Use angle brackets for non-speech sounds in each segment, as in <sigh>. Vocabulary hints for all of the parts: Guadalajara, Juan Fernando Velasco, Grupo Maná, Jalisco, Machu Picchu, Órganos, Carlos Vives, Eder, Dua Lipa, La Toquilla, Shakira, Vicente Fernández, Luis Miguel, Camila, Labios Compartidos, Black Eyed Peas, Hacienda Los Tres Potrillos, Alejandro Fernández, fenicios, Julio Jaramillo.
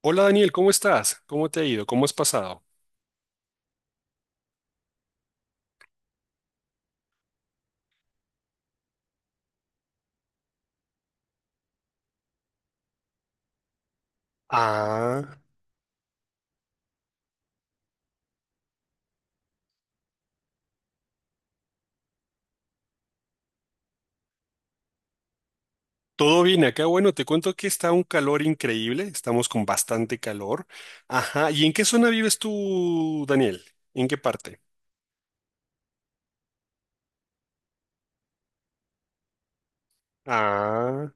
Hola Daniel, ¿cómo estás? ¿Cómo te ha ido? ¿Cómo has pasado? Ah, todo bien acá. Bueno, te cuento que está un calor increíble, estamos con bastante calor. Ajá, ¿y en qué zona vives tú, Daniel? ¿En qué parte? Ah.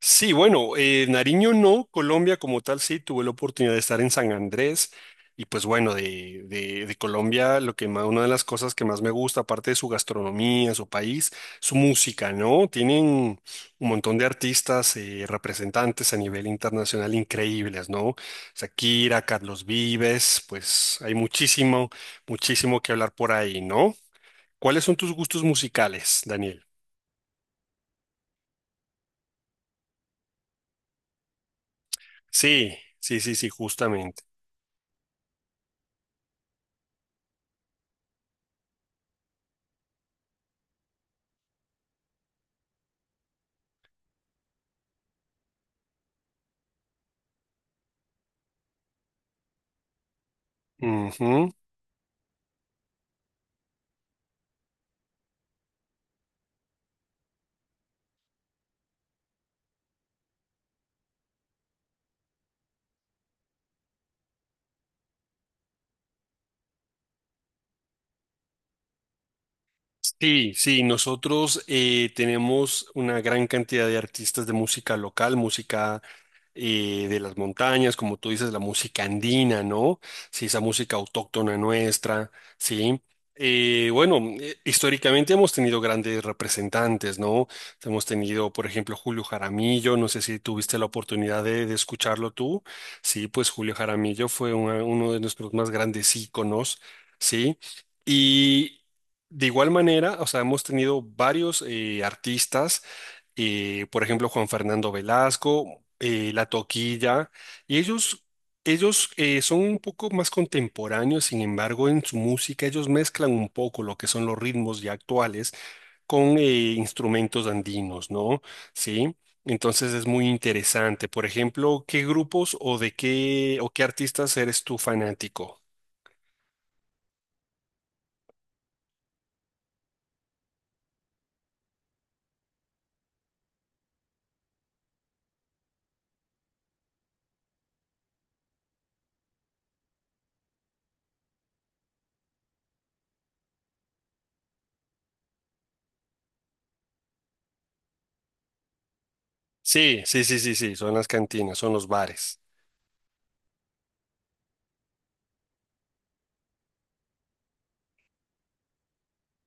Sí, bueno, Nariño no, Colombia como tal sí, tuve la oportunidad de estar en San Andrés y pues bueno, de Colombia lo que más, una de las cosas que más me gusta, aparte de su gastronomía, su país, su música, ¿no? Tienen un montón de artistas, representantes a nivel internacional increíbles, ¿no? Shakira, Carlos Vives, pues hay muchísimo, muchísimo que hablar por ahí, ¿no? ¿Cuáles son tus gustos musicales, Daniel? Sí, sí, sí, sí, justamente. Ujú. Sí, sí, nosotros tenemos una gran cantidad de artistas de música local, música de las montañas, como tú dices, la música andina, ¿no? Sí, esa música autóctona nuestra, sí. Bueno, históricamente hemos tenido grandes representantes, ¿no? Hemos tenido, por ejemplo, Julio Jaramillo, no sé si tuviste la oportunidad de escucharlo tú, sí, pues Julio Jaramillo fue uno de nuestros más grandes íconos, ¿sí? De igual manera, o sea, hemos tenido varios artistas, por ejemplo, Juan Fernando Velasco, La Toquilla, y ellos son un poco más contemporáneos, sin embargo, en su música ellos mezclan un poco lo que son los ritmos ya actuales con instrumentos andinos, ¿no? Sí. Entonces es muy interesante. Por ejemplo, ¿qué grupos o de qué o qué artistas eres tú fanático? Sí, sí, sí, sí, sí, son las cantinas, son los bares.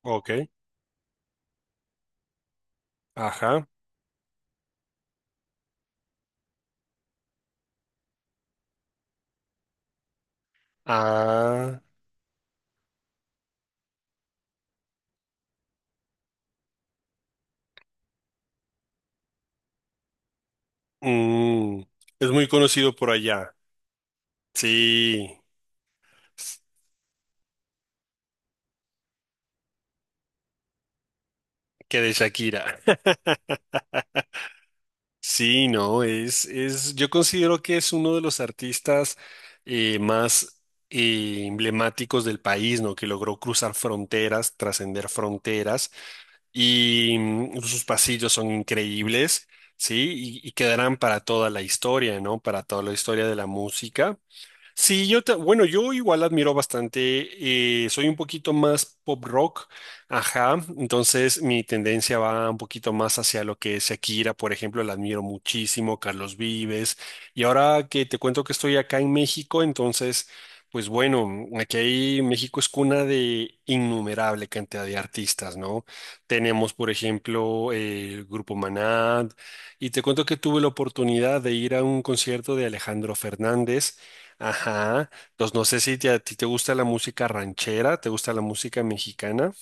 Ok, ajá. Ah, mm, es muy conocido por allá. Sí, s- que de Shakira. <laughs> Sí, no, es, yo considero que es uno de los artistas más emblemáticos del país, ¿no? Que logró cruzar fronteras, trascender fronteras y mm, sus pasillos son increíbles, ¿sí? Y quedarán para toda la historia, ¿no? Para toda la historia de la música. Sí, yo bueno, yo igual admiro bastante, soy un poquito más pop rock, ajá, entonces mi tendencia va un poquito más hacia lo que es Shakira, por ejemplo, la admiro muchísimo, Carlos Vives, y ahora que te cuento que estoy acá en México, entonces, pues bueno, México es cuna de innumerable cantidad de artistas, ¿no? Tenemos, por ejemplo, el Grupo Maná, y te cuento que tuve la oportunidad de ir a un concierto de Alejandro Fernández. Ajá. Entonces, no sé si te- a ti te gusta la música ranchera, te gusta la música mexicana.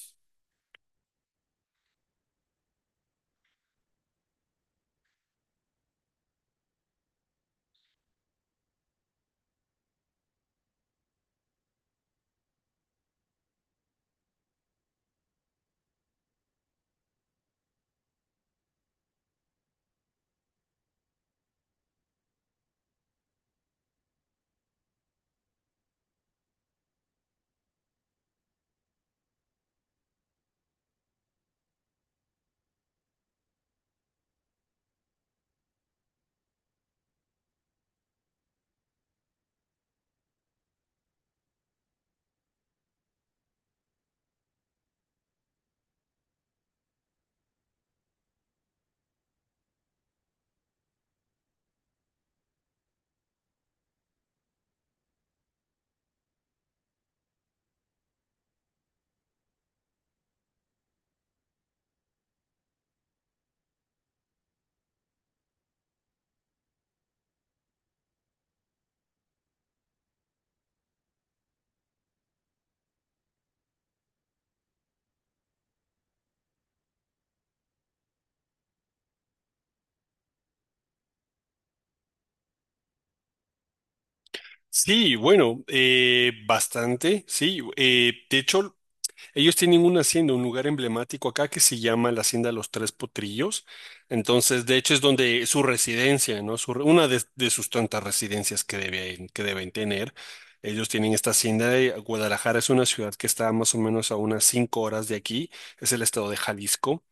Sí, bueno, bastante, sí. De hecho, ellos tienen una hacienda, un lugar emblemático acá que se llama la Hacienda Los Tres Potrillos. Entonces, de hecho, es donde es su residencia, ¿no? Una de sus tantas residencias que que deben tener. Ellos tienen esta hacienda de Guadalajara, es una ciudad que está más o menos a unas cinco horas de aquí, es el estado de Jalisco.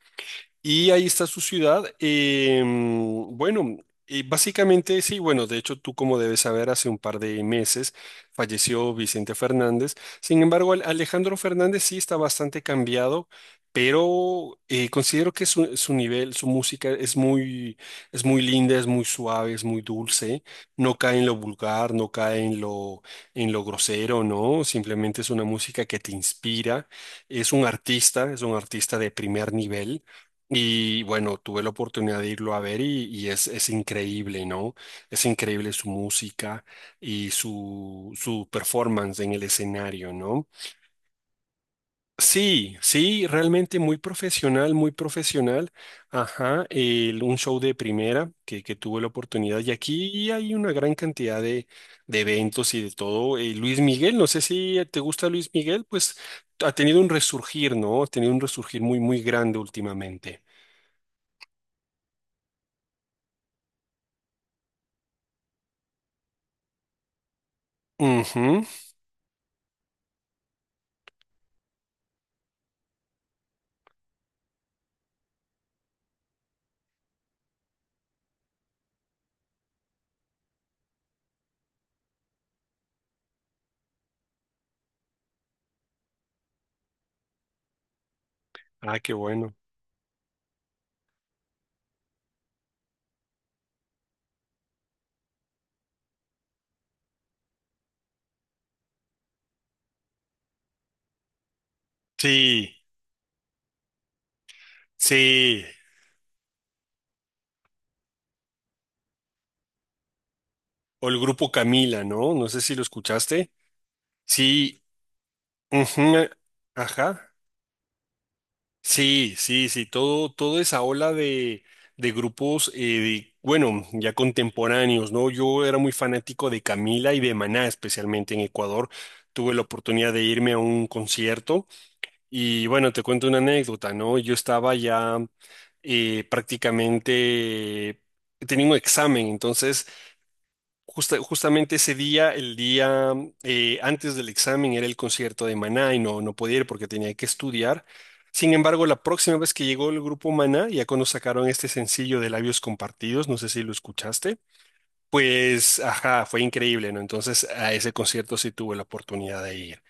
Y ahí está su ciudad. Em, bueno, básicamente sí, bueno, de hecho tú como debes saber, hace un par de meses falleció Vicente Fernández. Sin embargo, Alejandro Fernández sí está bastante cambiado, pero considero que su nivel, su música es muy linda, es muy suave, es muy dulce. No cae en lo vulgar, no cae en lo grosero, ¿no? Simplemente es una música que te inspira. Es un artista de primer nivel. Y bueno, tuve la oportunidad de irlo a ver y es increíble, ¿no? Es increíble su música y su performance en el escenario, ¿no? Sí, sí, realmente muy profesional, muy profesional. Ajá, un show de primera que tuve la oportunidad y aquí hay una gran cantidad de eventos y de todo. Luis Miguel, no sé si te gusta Luis Miguel, pues ha tenido un resurgir, ¿no? Ha tenido un resurgir muy, muy grande últimamente. Ujú. Ah, qué bueno. Sí, sí. O el grupo Camila, ¿no? No sé si lo escuchaste. Sí. Ujú. Ajá. Sí, sí, sí. Todo, toda esa ola de grupos, bueno, ya contemporáneos, ¿no? Yo era muy fanático de Camila y de Maná, especialmente en Ecuador. Tuve la oportunidad de irme a un concierto y bueno, te cuento una anécdota, ¿no? Yo estaba ya prácticamente, tenía un examen, entonces... justamente ese día, el día antes del examen, era el concierto de Maná y no, no podía ir porque tenía que estudiar. Sin embargo, la próxima vez que llegó el grupo Maná, ya cuando sacaron este sencillo de Labios Compartidos, no sé si lo escuchaste, pues, ajá, fue increíble, ¿no? Entonces, a ese concierto sí tuve la oportunidad de ir.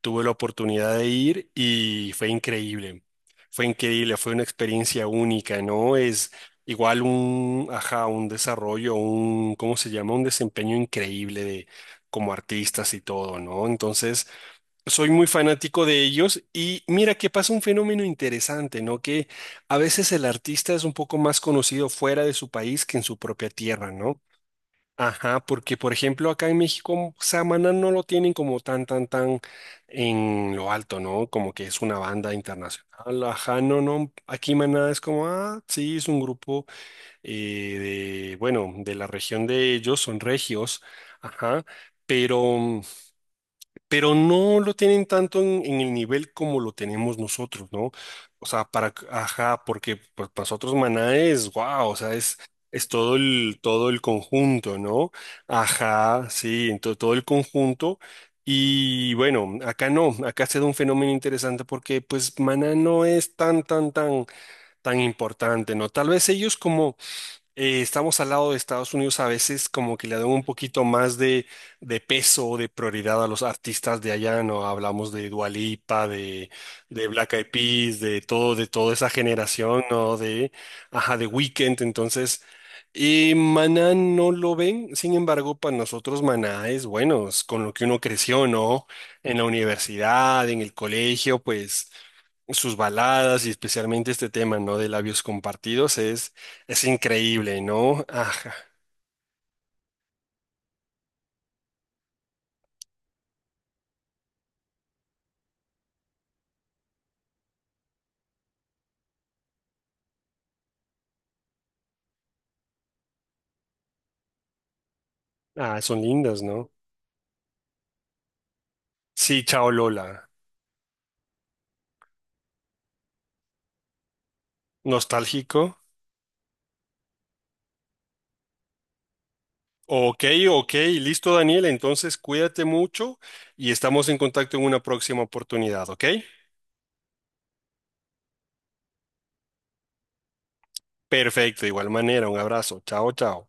Tuve la oportunidad de ir y fue increíble. Fue increíble, fue una experiencia única, ¿no? Es igual un, ajá, un desarrollo, un, ¿cómo se llama? Un desempeño increíble de como artistas y todo, ¿no? Entonces, soy muy fanático de ellos y mira que pasa un fenómeno interesante, ¿no? Que a veces el artista es un poco más conocido fuera de su país que en su propia tierra, ¿no? Ajá, porque por ejemplo acá en México Samaná no lo tienen como tan, tan, tan en lo alto, ¿no? Como que es una banda internacional. Ajá, no, no. Aquí Maná es como, ah, sí, es un grupo eh, de, bueno, de la región de ellos, son regios, ajá, pero no lo tienen tanto en el nivel como lo tenemos nosotros, ¿no? O sea, para, ajá, porque pues, para nosotros Maná es, wow, o sea, es todo el conjunto, ¿no? Ajá, sí, entonces todo el conjunto. Y bueno, acá no, acá se da un fenómeno interesante porque pues Maná no es tan, tan, tan, tan importante, ¿no? Tal vez ellos como estamos al lado de Estados Unidos a veces como que le dan un poquito más de peso o de prioridad a los artistas de allá, ¿no? Hablamos de Dua Lipa, de Black Eyed Peas, de todo, de toda esa generación, ¿no? De, ajá, de Weekend, entonces... Y Maná no lo ven, sin embargo, para nosotros Maná es bueno, es con lo que uno creció, ¿no? En la universidad, en el colegio, pues sus baladas y especialmente este tema, ¿no? De labios compartidos es increíble, ¿no? Ajá. Ah, son lindas, ¿no? Sí, chao Lola. Nostálgico. Ok, ok, listo Daniel, entonces cuídate mucho y estamos en contacto en una próxima oportunidad, ¿ok? Perfecto, de igual manera, un abrazo. Chao, chao.